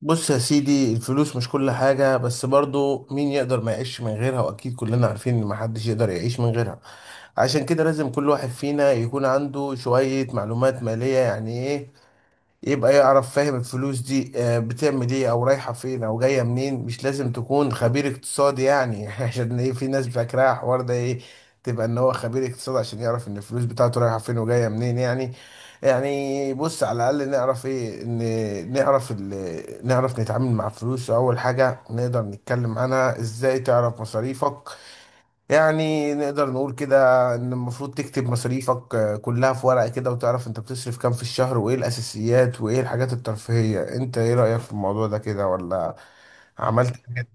بص يا سيدي، الفلوس مش كل حاجة، بس برضو مين يقدر ما يعيش من غيرها؟ وأكيد كلنا عارفين إن محدش يقدر يعيش من غيرها. عشان كده لازم كل واحد فينا يكون عنده شوية معلومات مالية. يعني إيه؟ يبقى يعرف، فاهم الفلوس دي بتعمل ايه او رايحة فين او جاية منين. مش لازم تكون خبير اقتصادي يعني عشان ايه في ناس فاكراها الحوار ده ايه؟ تبقى ان هو خبير اقتصاد عشان يعرف ان الفلوس بتاعته رايحة فين وجاية منين يعني. يعني بص، على الاقل نعرف ايه؟ ان نعرف نتعامل مع الفلوس. اول حاجة نقدر نتكلم عنها، ازاي تعرف مصاريفك؟ يعني نقدر نقول كده ان المفروض تكتب مصاريفك كلها في ورقة كده، وتعرف انت بتصرف كام في الشهر، وايه الاساسيات وايه الحاجات الترفيهية. انت ايه رأيك في الموضوع ده، كده ولا عملت حاجات؟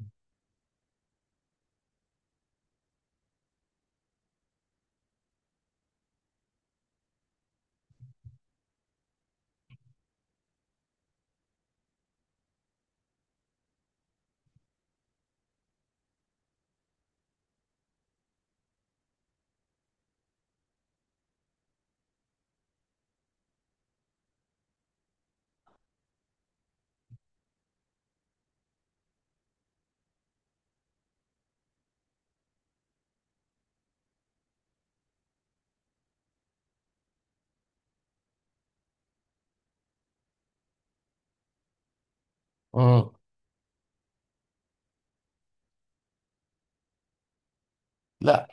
مم. لا،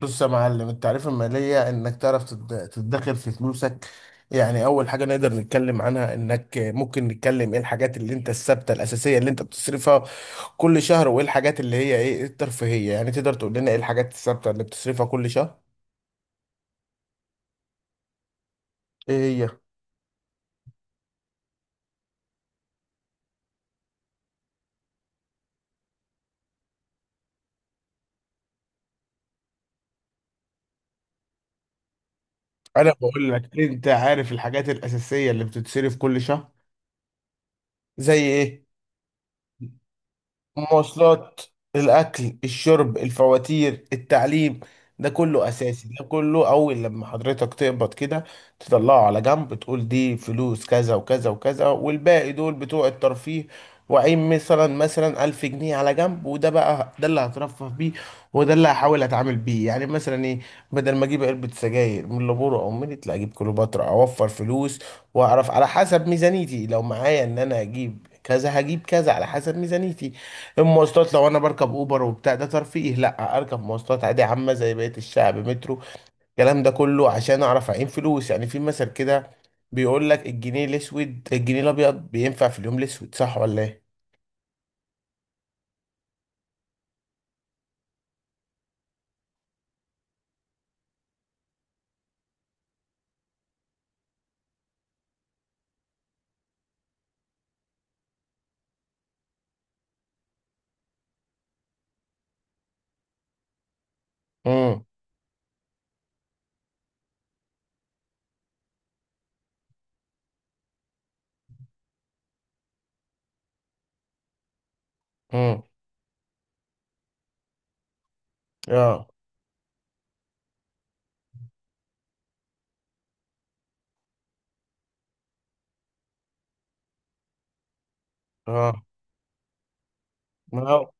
بص يا معلم، التعريف المالية انك تعرف تدخر في فلوسك. يعني اول حاجة نقدر نتكلم عنها، انك ممكن نتكلم ايه الحاجات اللي انت الثابتة الاساسية اللي انت بتصرفها كل شهر، وايه الحاجات اللي هي ايه الترفيهية. يعني تقدر تقول لنا ايه الحاجات الثابتة اللي بتصرفها كل شهر؟ ايه هي؟ انا بقول لك، انت عارف الحاجات الاساسيه اللي بتتصرف كل شهر؟ زي ايه؟ المواصلات، الاكل، الشرب، الفواتير، التعليم، ده كله اساسي. ده كله اول لما حضرتك تقبض كده، تطلعه على جنب، تقول دي فلوس كذا وكذا وكذا، والباقي دول بتوع الترفيه. وعين مثلا ألف جنيه على جنب، وده بقى ده اللي هترفه بيه، وده اللي هحاول اتعامل بيه. يعني مثلا ايه، بدل ما اجيب علبة سجاير من لابورو او ميريت، لا اجيب كليوباترا اوفر فلوس. واعرف على حسب ميزانيتي، لو معايا ان انا اجيب كذا هجيب كذا على حسب ميزانيتي. المواصلات، لو انا بركب اوبر وبتاع ده ترفيه، لا اركب مواصلات عادي عامه زي بقيه الشعب، مترو. الكلام ده كله عشان اعرف اعين فلوس. يعني في مثل كده بيقول لك الجنيه الاسود الجنيه الابيض بينفع في اليوم الاسود، صح ولا ايه؟ امم، امم، اه، اه. ما هو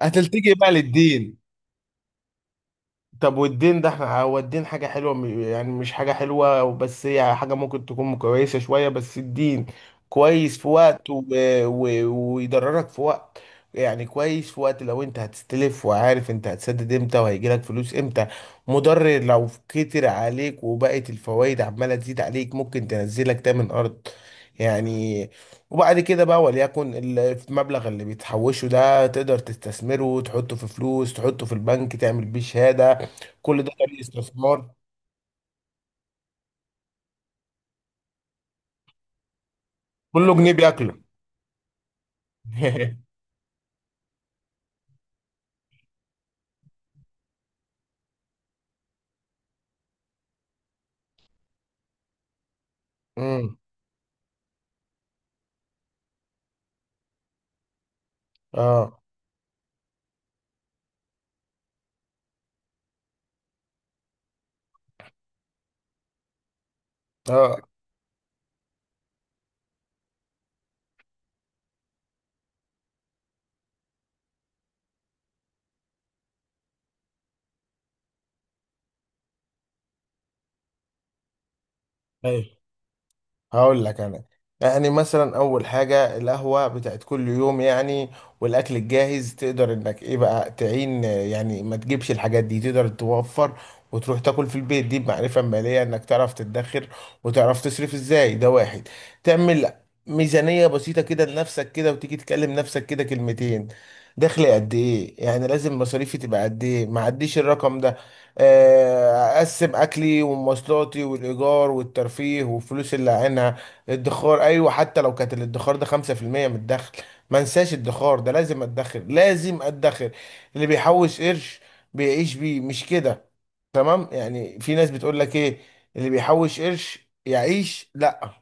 هتلتجي بقى للدين. طب والدين ده، احنا هو الدين حاجة حلوة، يعني مش حاجة حلوة، بس هي حاجة ممكن تكون كويسة شوية. بس الدين كويس في وقت و... ويضررك في وقت. يعني كويس في وقت لو انت هتستلف وعارف انت هتسدد امتى وهيجيلك فلوس امتى. مضر لو كتر عليك وبقت الفوائد عمالة تزيد عليك، ممكن تنزلك تامن ارض يعني. وبعد كده بقى، وليكن المبلغ اللي بتحوشه ده، تقدر تستثمره، تحطه في فلوس، تحطه في البنك، تعمل بيه شهادة، كل ده كان استثمار. كله جنيه بياكله امم، اه، اه. ايوه، هقول لك انا، يعني مثلا اول حاجه القهوه بتاعت كل يوم يعني، والاكل الجاهز، تقدر انك ايه بقى تعين، يعني ما تجيبش الحاجات دي تقدر توفر وتروح تاكل في البيت. دي بمعرفه ماليه، انك تعرف تدخر وتعرف تصرف ازاي، ده واحد. تعمل ميزانيه بسيطه كده لنفسك، كده وتيجي تكلم نفسك كده كلمتين. دخلي قد ايه؟ يعني لازم مصاريفي تبقى قد ايه؟ ما عديش الرقم ده. اقسم اكلي ومواصلاتي والايجار والترفيه والفلوس اللي عينها الادخار. ايوه، حتى لو كانت الادخار ده 5% من الدخل، ما انساش الادخار ده، لازم ادخر، لازم ادخر. اللي بيحوش قرش بيعيش بيه، مش كده؟ تمام. يعني في ناس بتقول لك ايه، اللي بيحوش قرش يعيش، لا،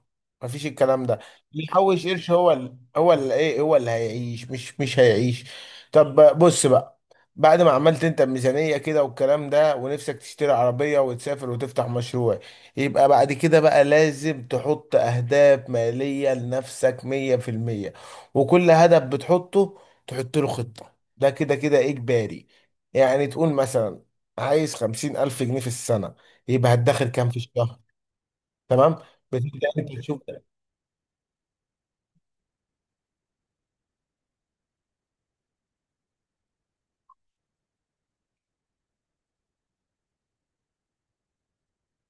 مفيش الكلام ده. اللي يحوش قرش هو هو اللي ايه، هو اللي هيعيش، مش هيعيش. طب بص بقى، بعد ما عملت انت الميزانية كده والكلام ده، ونفسك تشتري عربية وتسافر وتفتح مشروع، يبقى بعد كده بقى لازم تحط اهداف مالية لنفسك مية في المية. وكل هدف بتحطه تحط له خطة، ده كده كده اجباري. يعني تقول مثلا، عايز خمسين ألف جنيه في السنة، يبقى هتدخل كام في الشهر؟ تمام. بتبدأ أنت تشوف.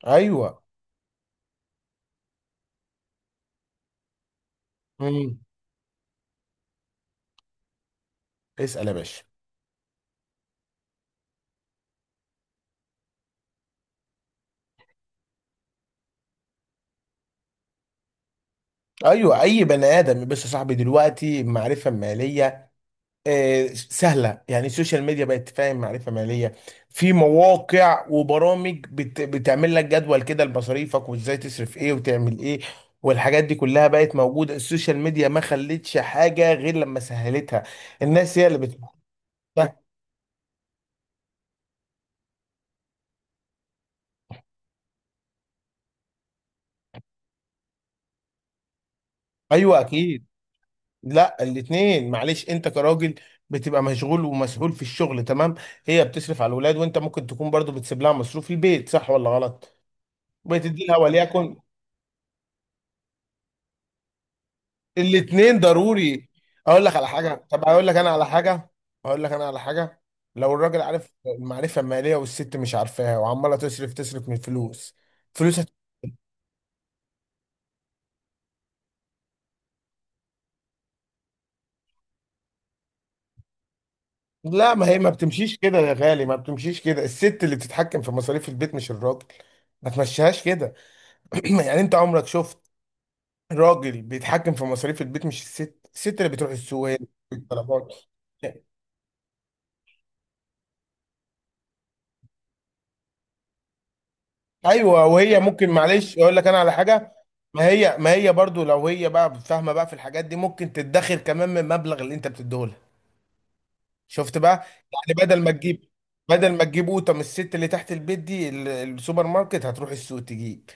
أيوه. مم. اسأل يا باشا. أيوه، أي بني آدم. بس يا صاحبي، دلوقتي معرفة مالية سهلة. يعني السوشيال ميديا بقت تفهم معرفة مالية. في مواقع وبرامج بتعمل لك جدول كده لمصاريفك، وإزاي تصرف إيه وتعمل إيه. والحاجات دي كلها بقت موجودة. السوشيال ميديا ما خلتش حاجة غير لما سهلتها. الناس هي اللي بتحطها. أيوه، أكيد. لا، الاتنين. معلش، انت كراجل بتبقى مشغول ومسؤول في الشغل، تمام؟ هي بتصرف على الولاد، وانت ممكن تكون برضو بتسيب لها مصروف البيت، صح ولا غلط؟ بتدي لها وليكن. الاتنين ضروري. اقول لك على حاجه، طب اقول لك انا على حاجه، اقول لك انا على حاجه. لو الراجل عارف المعرفه الماليه والست مش عارفاها وعماله تصرف تصرف من فلوس، فلوس لا، ما هي ما بتمشيش كده يا غالي، ما بتمشيش كده. الست اللي بتتحكم في مصاريف البيت، مش الراجل. ما تمشيهاش كده. يعني انت عمرك شفت راجل بيتحكم في مصاريف البيت مش الست؟ الست اللي بتروح السوق هي اللي بتجيب الطلبات. ايوه، وهي ممكن، معلش اقول لك انا على حاجه، ما هي برضو لو هي بقى فاهمه بقى في الحاجات دي، ممكن تتدخر كمان من المبلغ اللي انت بتديه لها. شفت بقى؟ يعني بدل ما تجيب، بدل ما تجيب قوطه من الست اللي تحت البيت دي السوبر ماركت، هتروح السوق تجيب،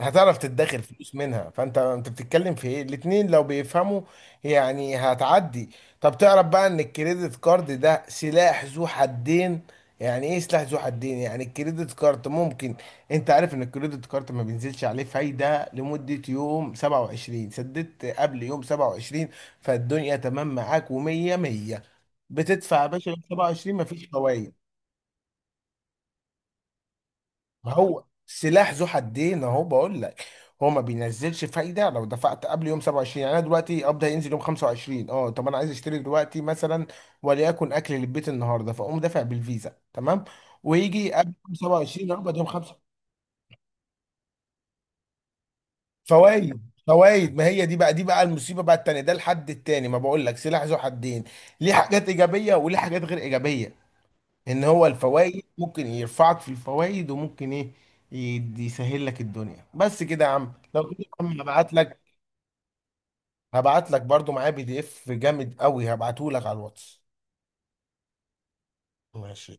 هتعرف تدخر فلوس منها. فانت انت بتتكلم في ايه؟ الاتنين لو بيفهموا يعني هتعدي. طب تعرف بقى ان الكريدت كارد ده سلاح ذو حدين؟ يعني ايه سلاح ذو حدين؟ يعني الكريدت كارد ممكن، انت عارف ان الكريدت كارد ما بينزلش عليه فايدة لمدة يوم 27، سددت قبل يوم 27 فالدنيا تمام معاك و100 100. بتدفع يا باشا 27، مفيش فوائد. ما هو سلاح ذو حدين اهو بقول لك. هو ما بينزلش فايده لو دفعت قبل يوم 27. يعني انا دلوقتي قبض هينزل يوم 25. اه، طب انا عايز اشتري دلوقتي مثلا، وليكن اكل للبيت النهارده، فاقوم دافع بالفيزا تمام، ويجي قبل يوم 27 اقبض يوم 5. فوائد، فوائد. ما هي دي بقى، دي بقى المصيبه بقى التانيه، ده الحد التاني، ما بقول لك سلاح ذو حدين، ليه حاجات ايجابيه وليه حاجات غير ايجابيه. ان هو الفوائد ممكن يرفعك في الفوائد، وممكن ايه يسهل لك الدنيا. بس كده يا عم، لو كده يا عم هبعت لك، هبعت لك برضو معايا بي دي اف جامد قوي هبعته لك على الواتس. ماشي.